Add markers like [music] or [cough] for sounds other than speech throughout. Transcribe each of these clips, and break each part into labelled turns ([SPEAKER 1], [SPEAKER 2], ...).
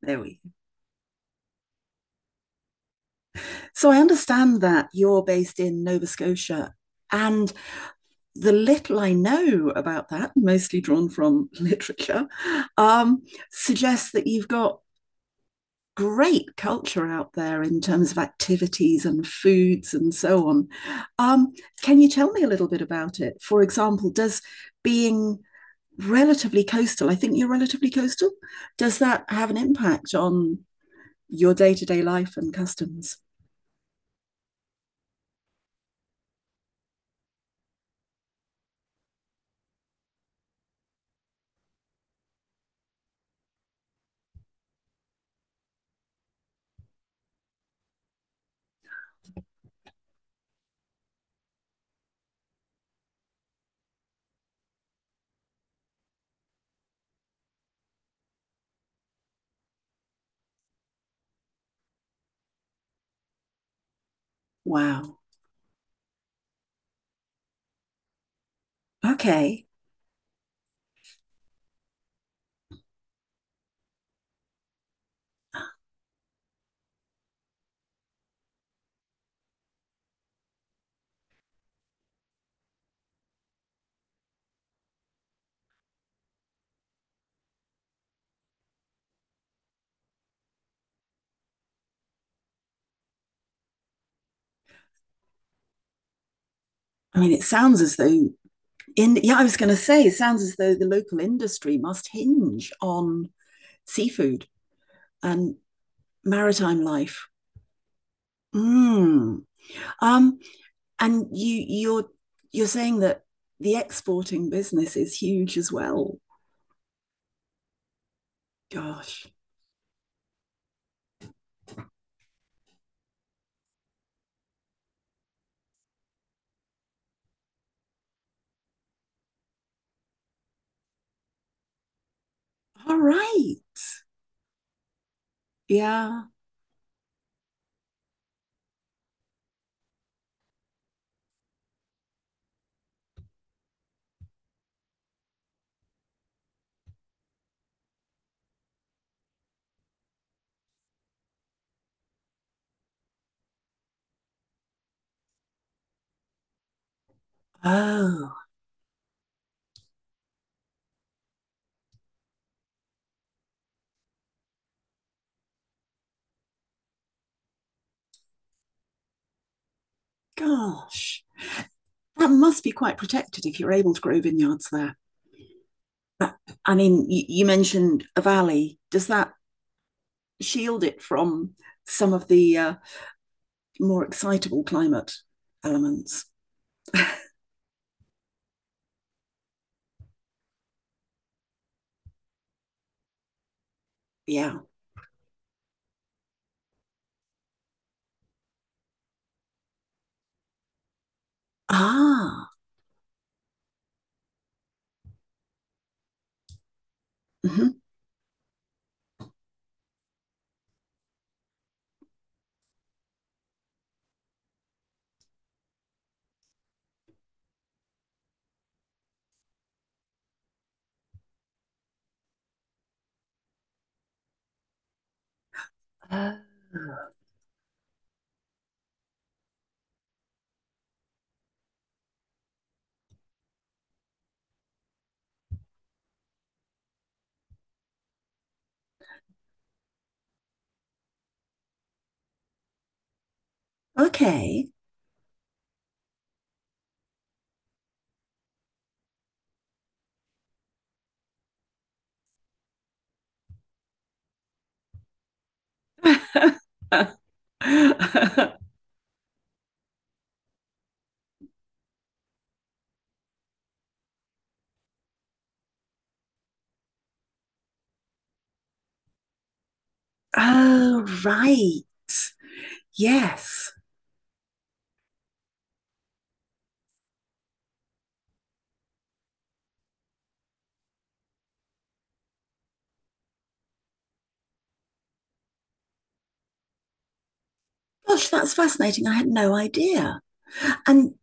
[SPEAKER 1] There we go. So I understand that you're based in Nova Scotia. And the little I know about that, mostly drawn from [laughs] literature, um, suggests that you've got great culture out there in terms of activities and foods and so on. Um, can you tell me a little bit about it? For example, does being relatively coastal, I think you're relatively coastal, does that have an impact on your day to day life and customs? Wow. Okay. I mean, it sounds as though in Yeah, I was going to say, it sounds as though the local industry must hinge on seafood and maritime life. Mm. Um, and you're you're saying that the exporting business is huge as well. Gosh. All right. Yeah. Oh, gosh. That must be quite protected if you're able to grow vineyards there. I mean, you mentioned a valley. Does that shield it from some of the more excitable climate elements. Yeah. Ah. Mhm. Uh, okay. [laughs] Oh, right. Yes. Gosh, that's fascinating. I had no idea. And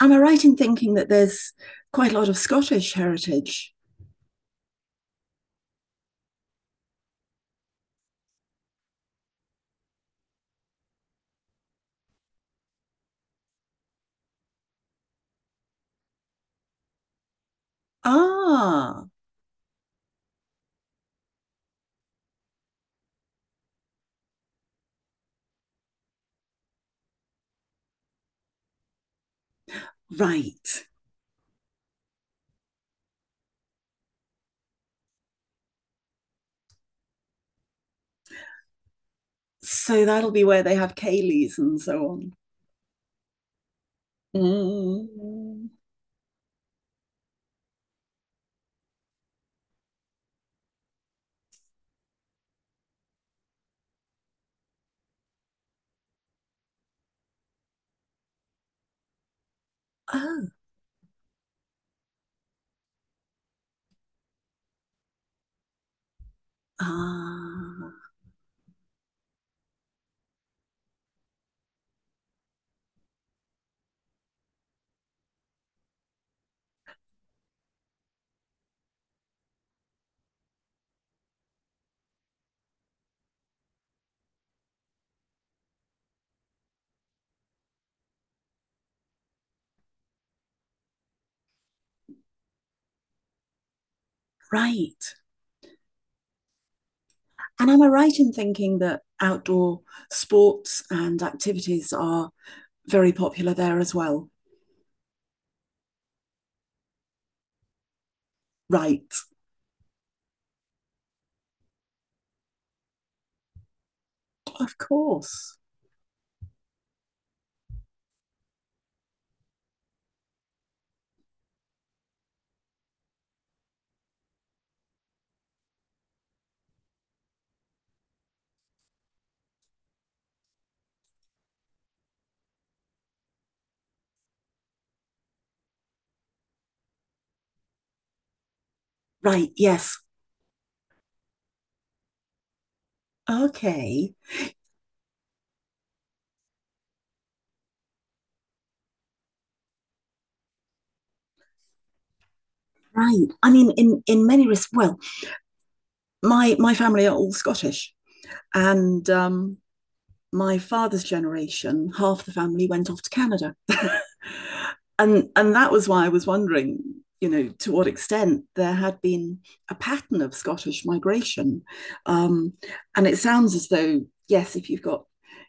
[SPEAKER 1] am I right in thinking that there's quite a lot of Scottish heritage? Ah, right. So that'll be where they have Cayleys and so on. Mm. Oh, ah, right. And am I right in thinking that outdoor sports and activities are very popular there as well? Right. Of course. Right. Yes. Okay. Right. I mean, in many respects. Well, my family are all Scottish, and my father's generation, half the family went off to Canada. [laughs] And that was why I was wondering, you know, to what extent there had been a pattern of Scottish migration. Um, and it sounds as though, yes, if you've got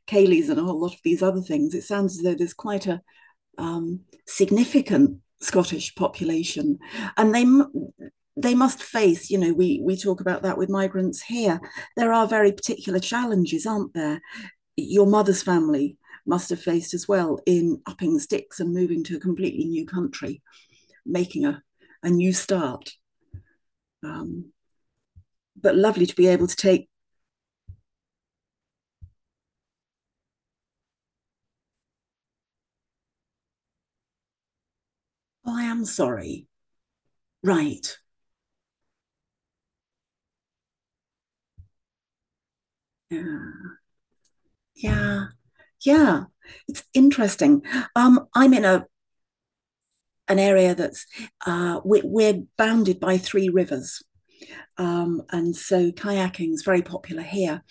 [SPEAKER 1] Cayleys and a whole lot of these other things, it sounds as though there's quite a um, significant Scottish population, and they must face. You know, we talk about that with migrants here. There are very particular challenges, aren't there? Your mother's family must have faced as well in upping sticks and moving to a completely new country, making a new start. Um, but lovely to be able to take, oh, I am sorry. Right. Yeah. Yeah. Yeah. It's interesting. I'm in a an area that's we're bounded by three rivers. And so kayaking is very popular here.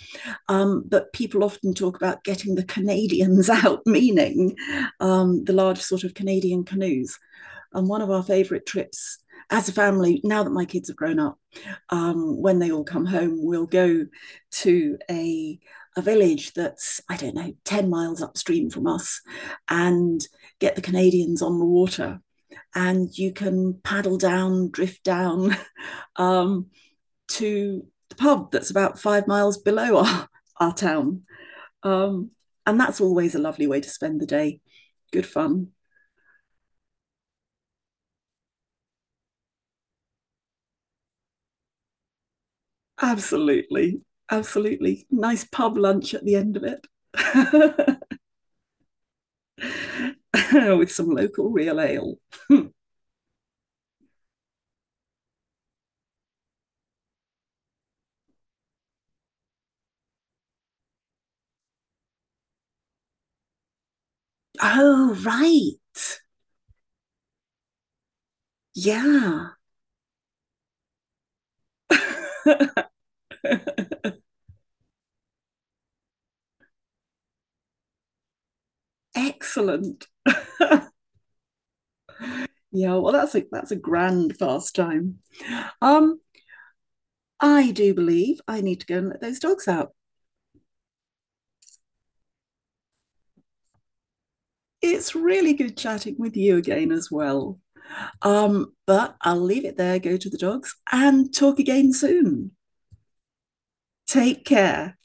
[SPEAKER 1] But people often talk about getting the Canadians [laughs] out, meaning the large sort of Canadian canoes. And one of our favourite trips as a family, now that my kids have grown up, when they all come home, we'll go to a village that's I don't know 10 miles upstream from us, and get the Canadians on the water, and you can paddle down, drift down [laughs] um, to the pub that's about 5 miles below our town. Um, and that's always a lovely way to spend the day. Good fun. Absolutely. Absolutely. Nice pub lunch at the end of it [laughs] with some local real ale. [laughs] Oh, right. Yeah. [laughs] Excellent. [laughs] Yeah, well, that's a grand pastime. Um, I do believe I need to go and let those dogs out. It's really good chatting with you again as well. But I'll leave it there, go to the dogs, and talk again soon. Take care.